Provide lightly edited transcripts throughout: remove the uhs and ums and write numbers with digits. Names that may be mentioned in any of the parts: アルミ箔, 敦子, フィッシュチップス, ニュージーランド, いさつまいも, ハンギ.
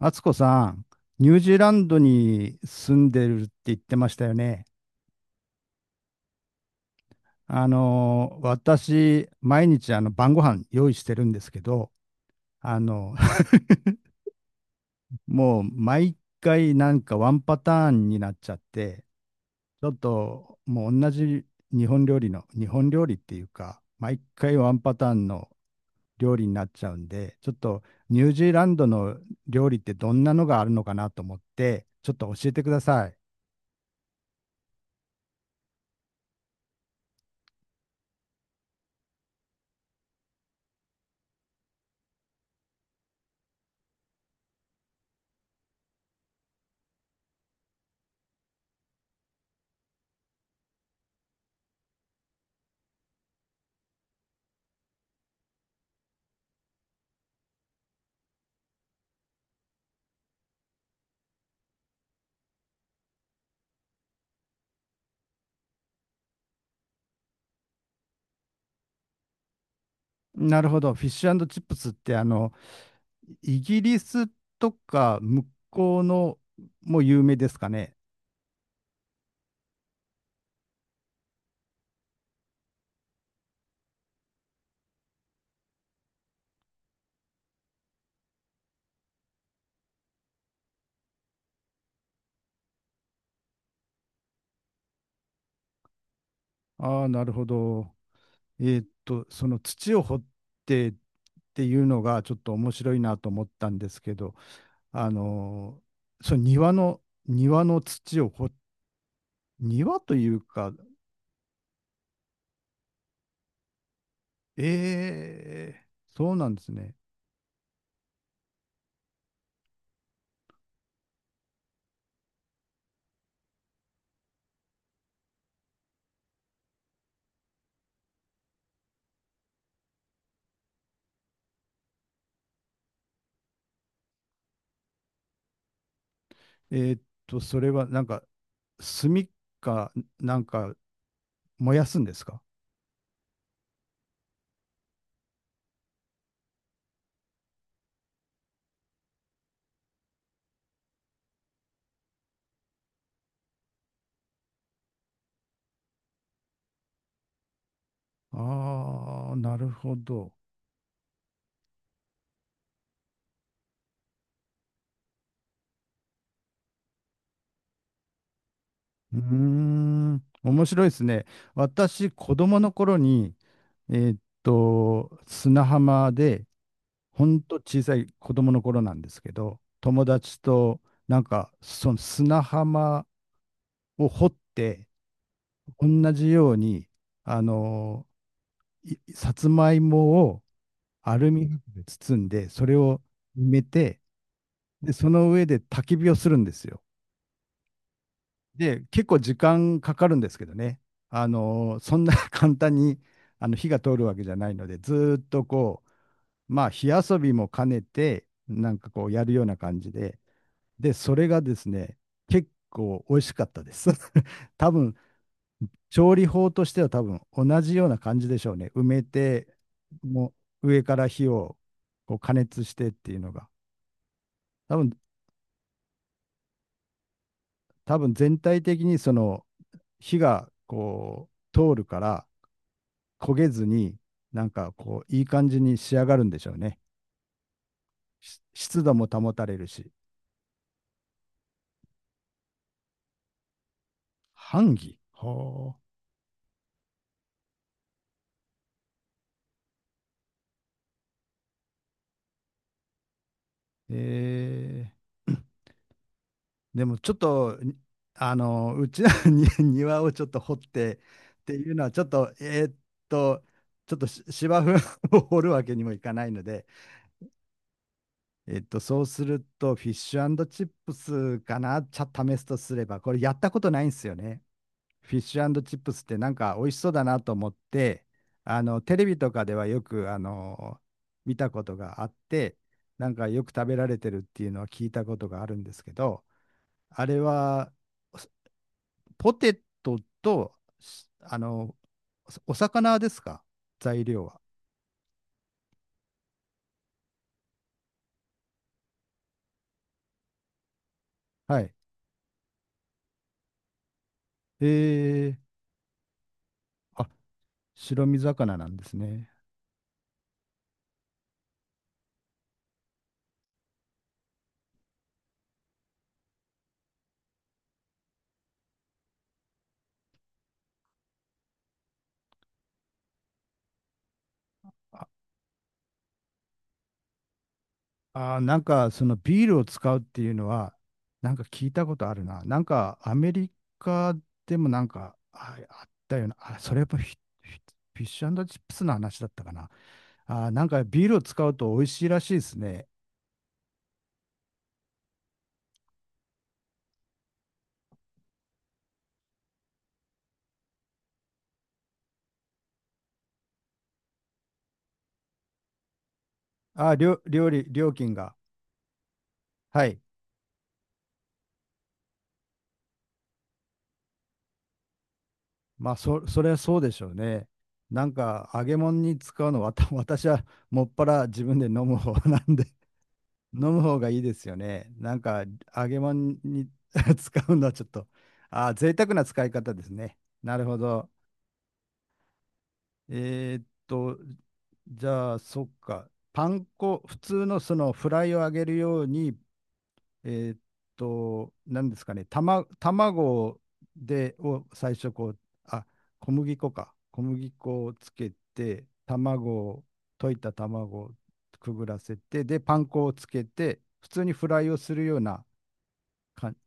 敦子さん、ニュージーランドに住んでるって言ってましたよね。私、毎日晩ご飯用意してるんですけど、あの、もう毎回なんかワンパターンになっちゃって、ちょっともう同じ日本料理っていうか、毎回ワンパターンの料理になっちゃうんで、ちょっとニュージーランドの料理ってどんなのがあるのかなと思って、ちょっと教えてください。なるほど。フィッシュチップスってイギリスとか向こうのも有名ですかね。ああ、なるほど。その土を掘ってっていうのがちょっと面白いなと思ったんですけど、あのーその庭の、庭の土を庭というか、ええ、そうなんですね。えーっそれはなんか、炭か、なんか燃やすんですか？ああー、なるほど。うーん、面白いですね。私、子供の頃に、砂浜で、ほんと小さい子供の頃なんですけど、友達と、なんか、その砂浜を掘って、同じように、あのさつまいもをアルミ箔で包んで、それを埋めて、で、その上で焚き火をするんですよ。で、結構時間かかるんですけどね、そんな 簡単に火が通るわけじゃないので、ずーっとこう、まあ、火遊びも兼ねて、なんかこうやるような感じで、で、それがですね、結構美味しかったです。多分調理法としては多分同じような感じでしょうね。埋めて、もう上から火をこう加熱してっていうのが。多分、多分全体的にその火がこう通るから焦げずに、なんかこういい感じに仕上がるんでしょうね。し湿度も保たれるし。ハンギはあ。えー、でもちょっと、うちの に庭をちょっと掘ってっていうのは、ちょっと、と、ちょっとし芝生を 掘るわけにもいかないので、そうすると、フィッシュチップスかな、ちゃ試すとすれば、これやったことないんですよね。フィッシュチップスってなんか美味しそうだなと思って、テレビとかではよく、見たことがあって、なんかよく食べられてるっていうのは聞いたことがあるんですけど、あれは、ポテトと、あの、おお魚ですか？材料は。はい。えー、あ、白身魚なんですね。あー、なんか、そのビールを使うっていうのは、なんか聞いたことあるな。なんか、アメリカでもなんか、あ、あったような。あ、それやっぱフィフィッシュチップスの話だったかな。あー、なんかビールを使うと美味しいらしいですね。あー、料金が。はい。まあ、それはそうでしょうね。なんか、揚げ物に使うのは、私はもっぱら自分で飲む方なんで、飲む方がいいですよね。なんか、揚げ物に 使うのはちょっと、ああ、贅沢な使い方ですね。なるほど。えーっと、じゃあ、そっか。パン粉、普通のそのフライを揚げるように、えーっ何ですかね、卵で、を最初こう、あ、小麦粉か。小麦粉をつけて、卵を、溶いた卵をくぐらせて、で、パン粉をつけて、普通にフライをするような感じ。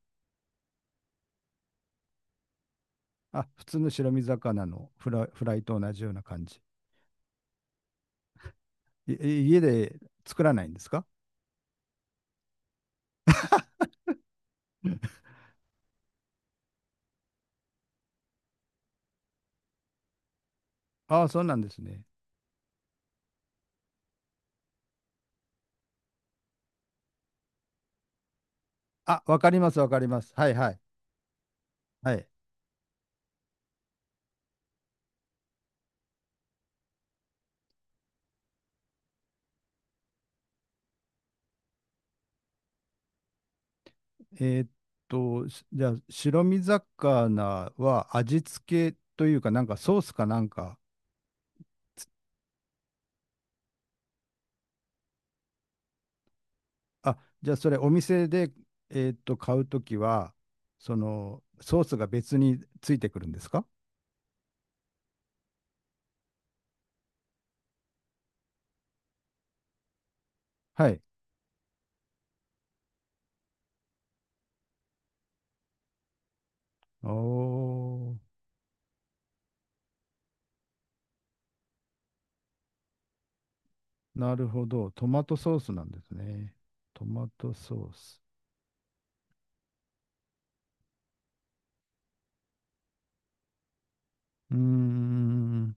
あ、普通の白身魚のフライと同じような感じ。いい家で作らないんですか？ああ、そうなんですね。あ、わかります、わかります。はいはい。はい。えーっしじゃあ、白身魚は味付けというか、なんかソースかなんか、あ、じゃあそれお店で、買うときは、その、ソースが別についてくるんですか？はい。おー、なるほど。トマトソースなんですね。トマトソース。うーん。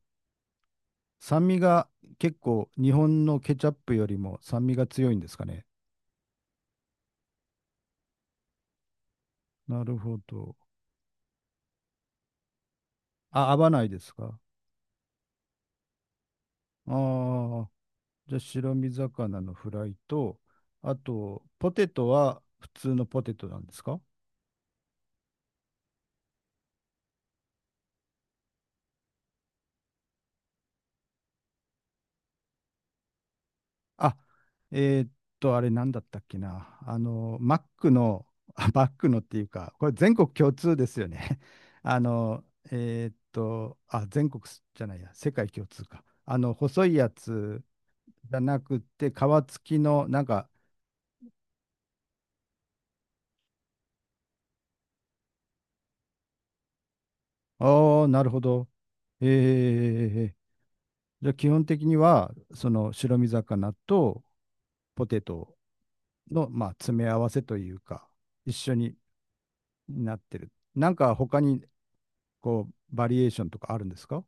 酸味が結構日本のケチャップよりも酸味が強いんですかね。なるほど。あ、合わないですか？ああー。じゃあ白身魚のフライと、あと、ポテトは普通のポテトなんですか？あ、えーっあれなんだったっけな。あの、マックの、あマックのっていうか、これ全国共通ですよね。あの、あ、全国すじゃないや、世界共通か。あの、細いやつじゃなくて、皮付きの、なんか、ああ、なるほど。えー、じゃあ基本的には、その白身魚とポテトの、まあ、詰め合わせというか、一緒になってる。なんか他に、こう、バリエーションとかあるんですか？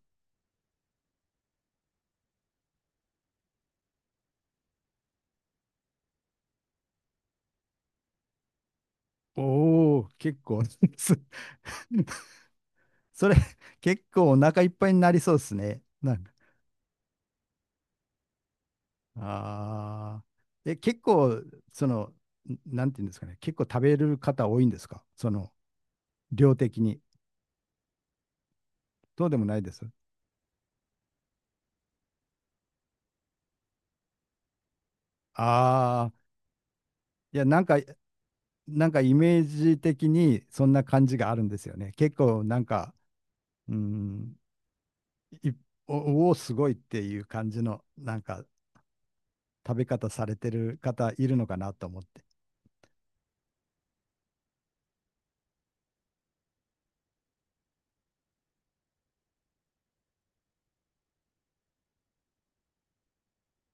おお、結構 そそれ、結構お腹いっぱいになりそうですね。なんか、ああ。え、結構、その、んなんていうんですかね、結構食べる方多いんですか？その、量的に。そうでもないです。ああ、いや、なんか、なんかイメージ的にそんな感じがあるんですよね。結構、なんか、うん、いおおすごいっていう感じのなんか食べ方されてる方いるのかなと思って。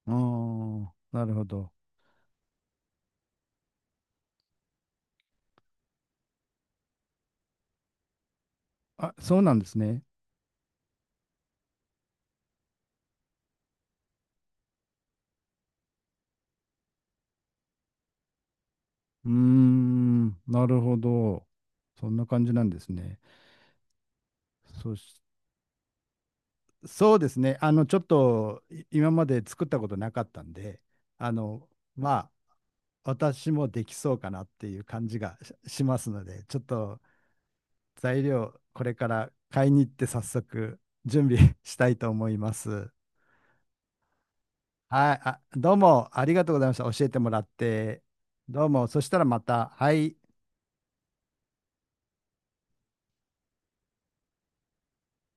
ああ、なるほど。あ、そうなんですね。うーん、なるほど。そんな感じなんですね。そし、そうですね。ちょっとい今まで作ったことなかったんで、あの、まあ、私もできそうかなっていう感じがし、しますので、ちょっと材料、これから買いに行って早速準備 したいと思います。はい、あ、どうもありがとうございました。教えてもらって。どうも、そしたらまた。はい。